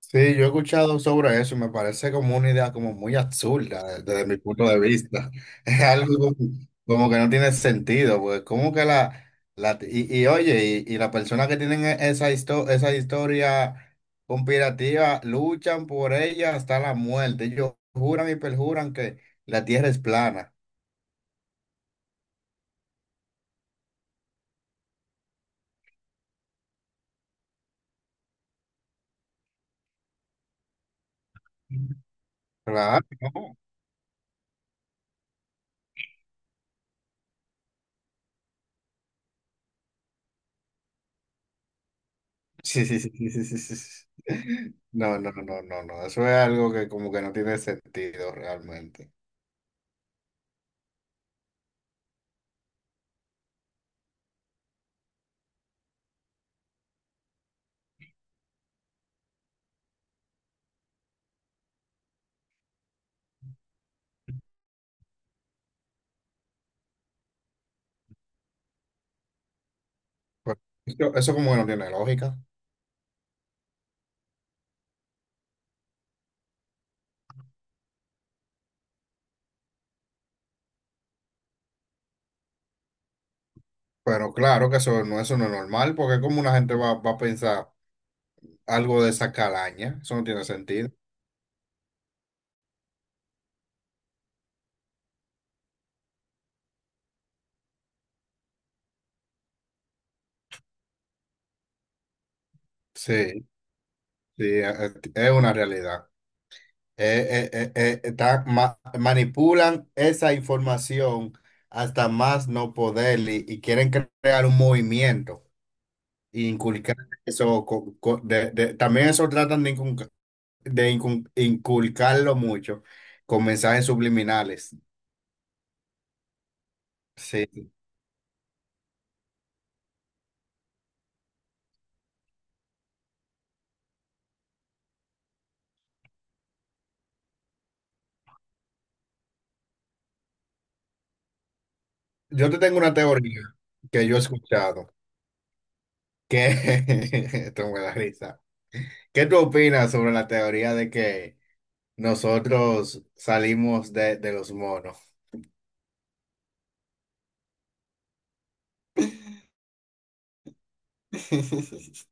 Sí, yo he escuchado sobre eso y me parece como una idea como muy absurda desde mi punto de vista. Es algo como, como que no tiene sentido, pues como que la oye, y las personas que tienen esa historia conspirativa luchan por ella hasta la muerte. Ellos juran y perjuran que la tierra es plana. Claro, no. Sí, sí, sí, sí, sí, sí, sí, sí. No, no, no, no, no. Eso es algo que como que no tiene sentido realmente. Pues, eso como que no tiene lógica. Pero claro que eso no es normal, porque como una gente va a pensar algo de esa calaña, eso no tiene sentido. Sí, sí, es una realidad. Manipulan esa información hasta más no poder y quieren crear un movimiento e inculcar eso. También eso tratan de, inculcarlo mucho con mensajes subliminales. Sí. Yo te tengo una teoría que yo he escuchado, que esto me da risa. ¿Qué tú opinas sobre la teoría de que nosotros salimos de los monos?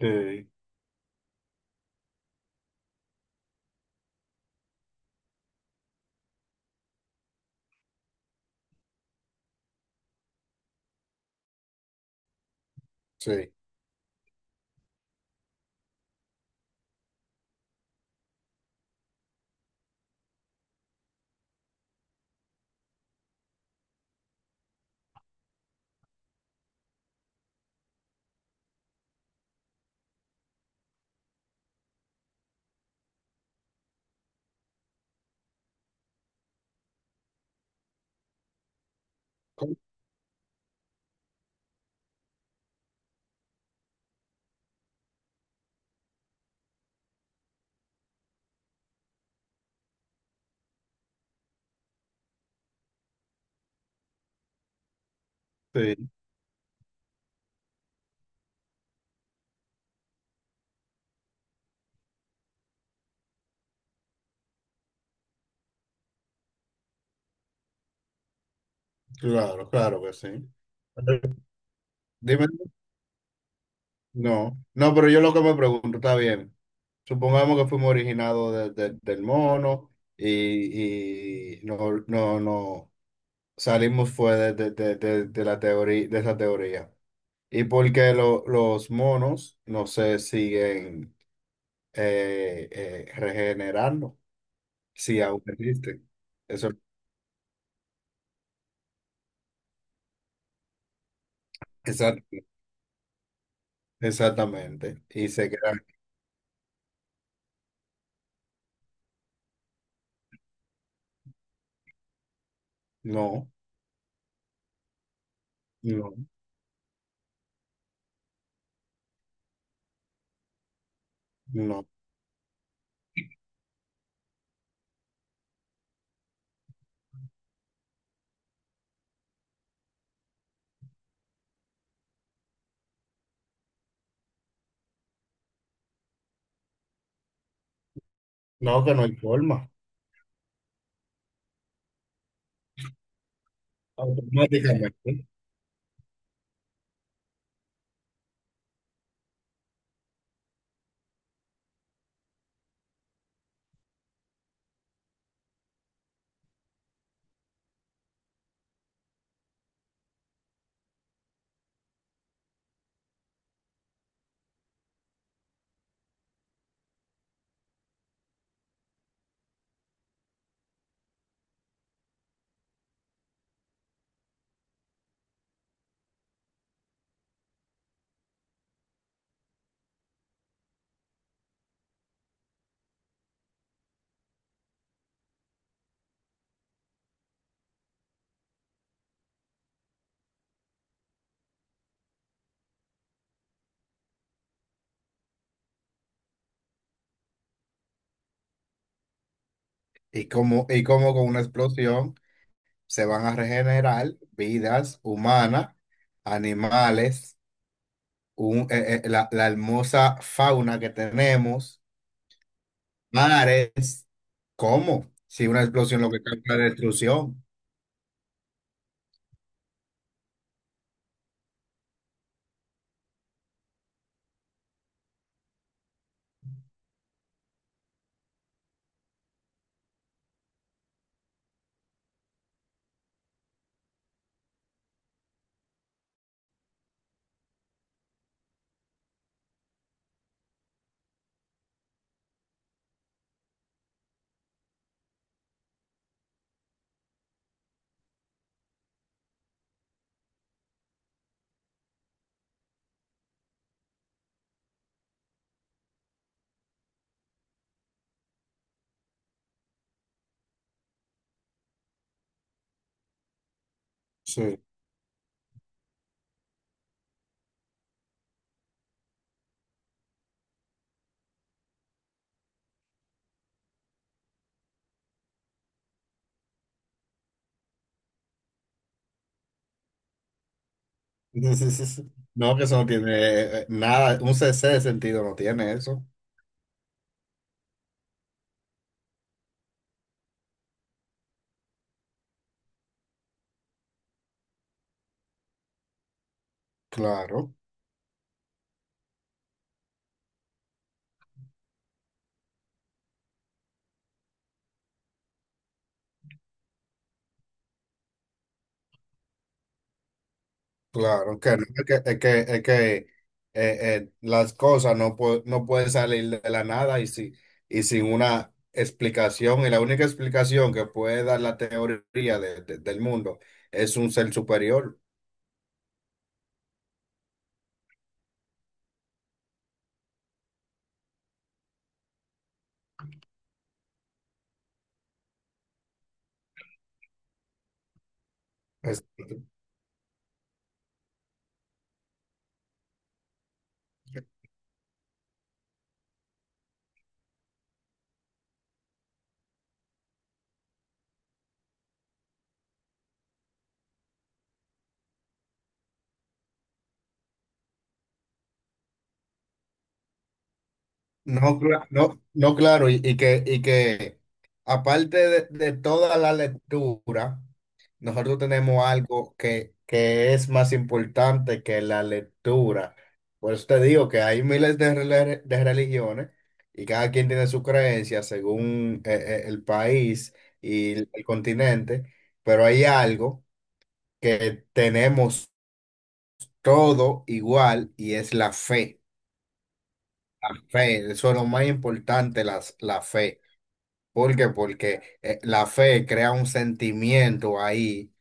Sí, sí. Sí, claro, claro que sí. Dime. No, no, pero yo lo que me pregunto, está bien. Supongamos que fuimos originados del mono y, no salimos fue de la teoría, de esa teoría. Y porque los monos no se siguen regenerando, si aún existen. Eso, exact- exactamente. Y se quedan, no, no, no, no, que no hay forma. Automáticamente. Y como con una explosión se van a regenerar vidas humanas, animales, la hermosa fauna que tenemos, mares. ¿Cómo? Si una explosión lo que causa es la destrucción. Sí. Sí, sí, sí, sí. No, que eso no tiene nada, un CC de sentido no tiene eso. Claro. Claro, que no, es que las cosas no, no pueden salir de la nada y, si, y sin una explicación. Y la única explicación que puede dar la teoría del mundo es un ser superior. Es- no, no, no, claro, y, y que aparte de toda la lectura. Nosotros tenemos algo que es más importante que la lectura. Por eso te digo que hay miles de, de religiones y cada quien tiene su creencia según el país y el continente, pero hay algo que tenemos todo igual y es la fe. Fe, eso es lo más importante, la fe. ¿Por qué? Porque la fe crea un sentimiento ahí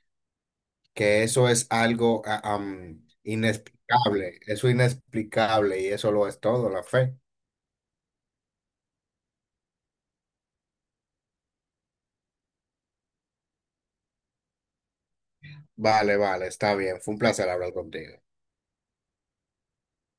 que eso es algo inexplicable, eso es inexplicable y eso lo es todo, la fe. Vale, vale, está bien, fue un placer hablar contigo.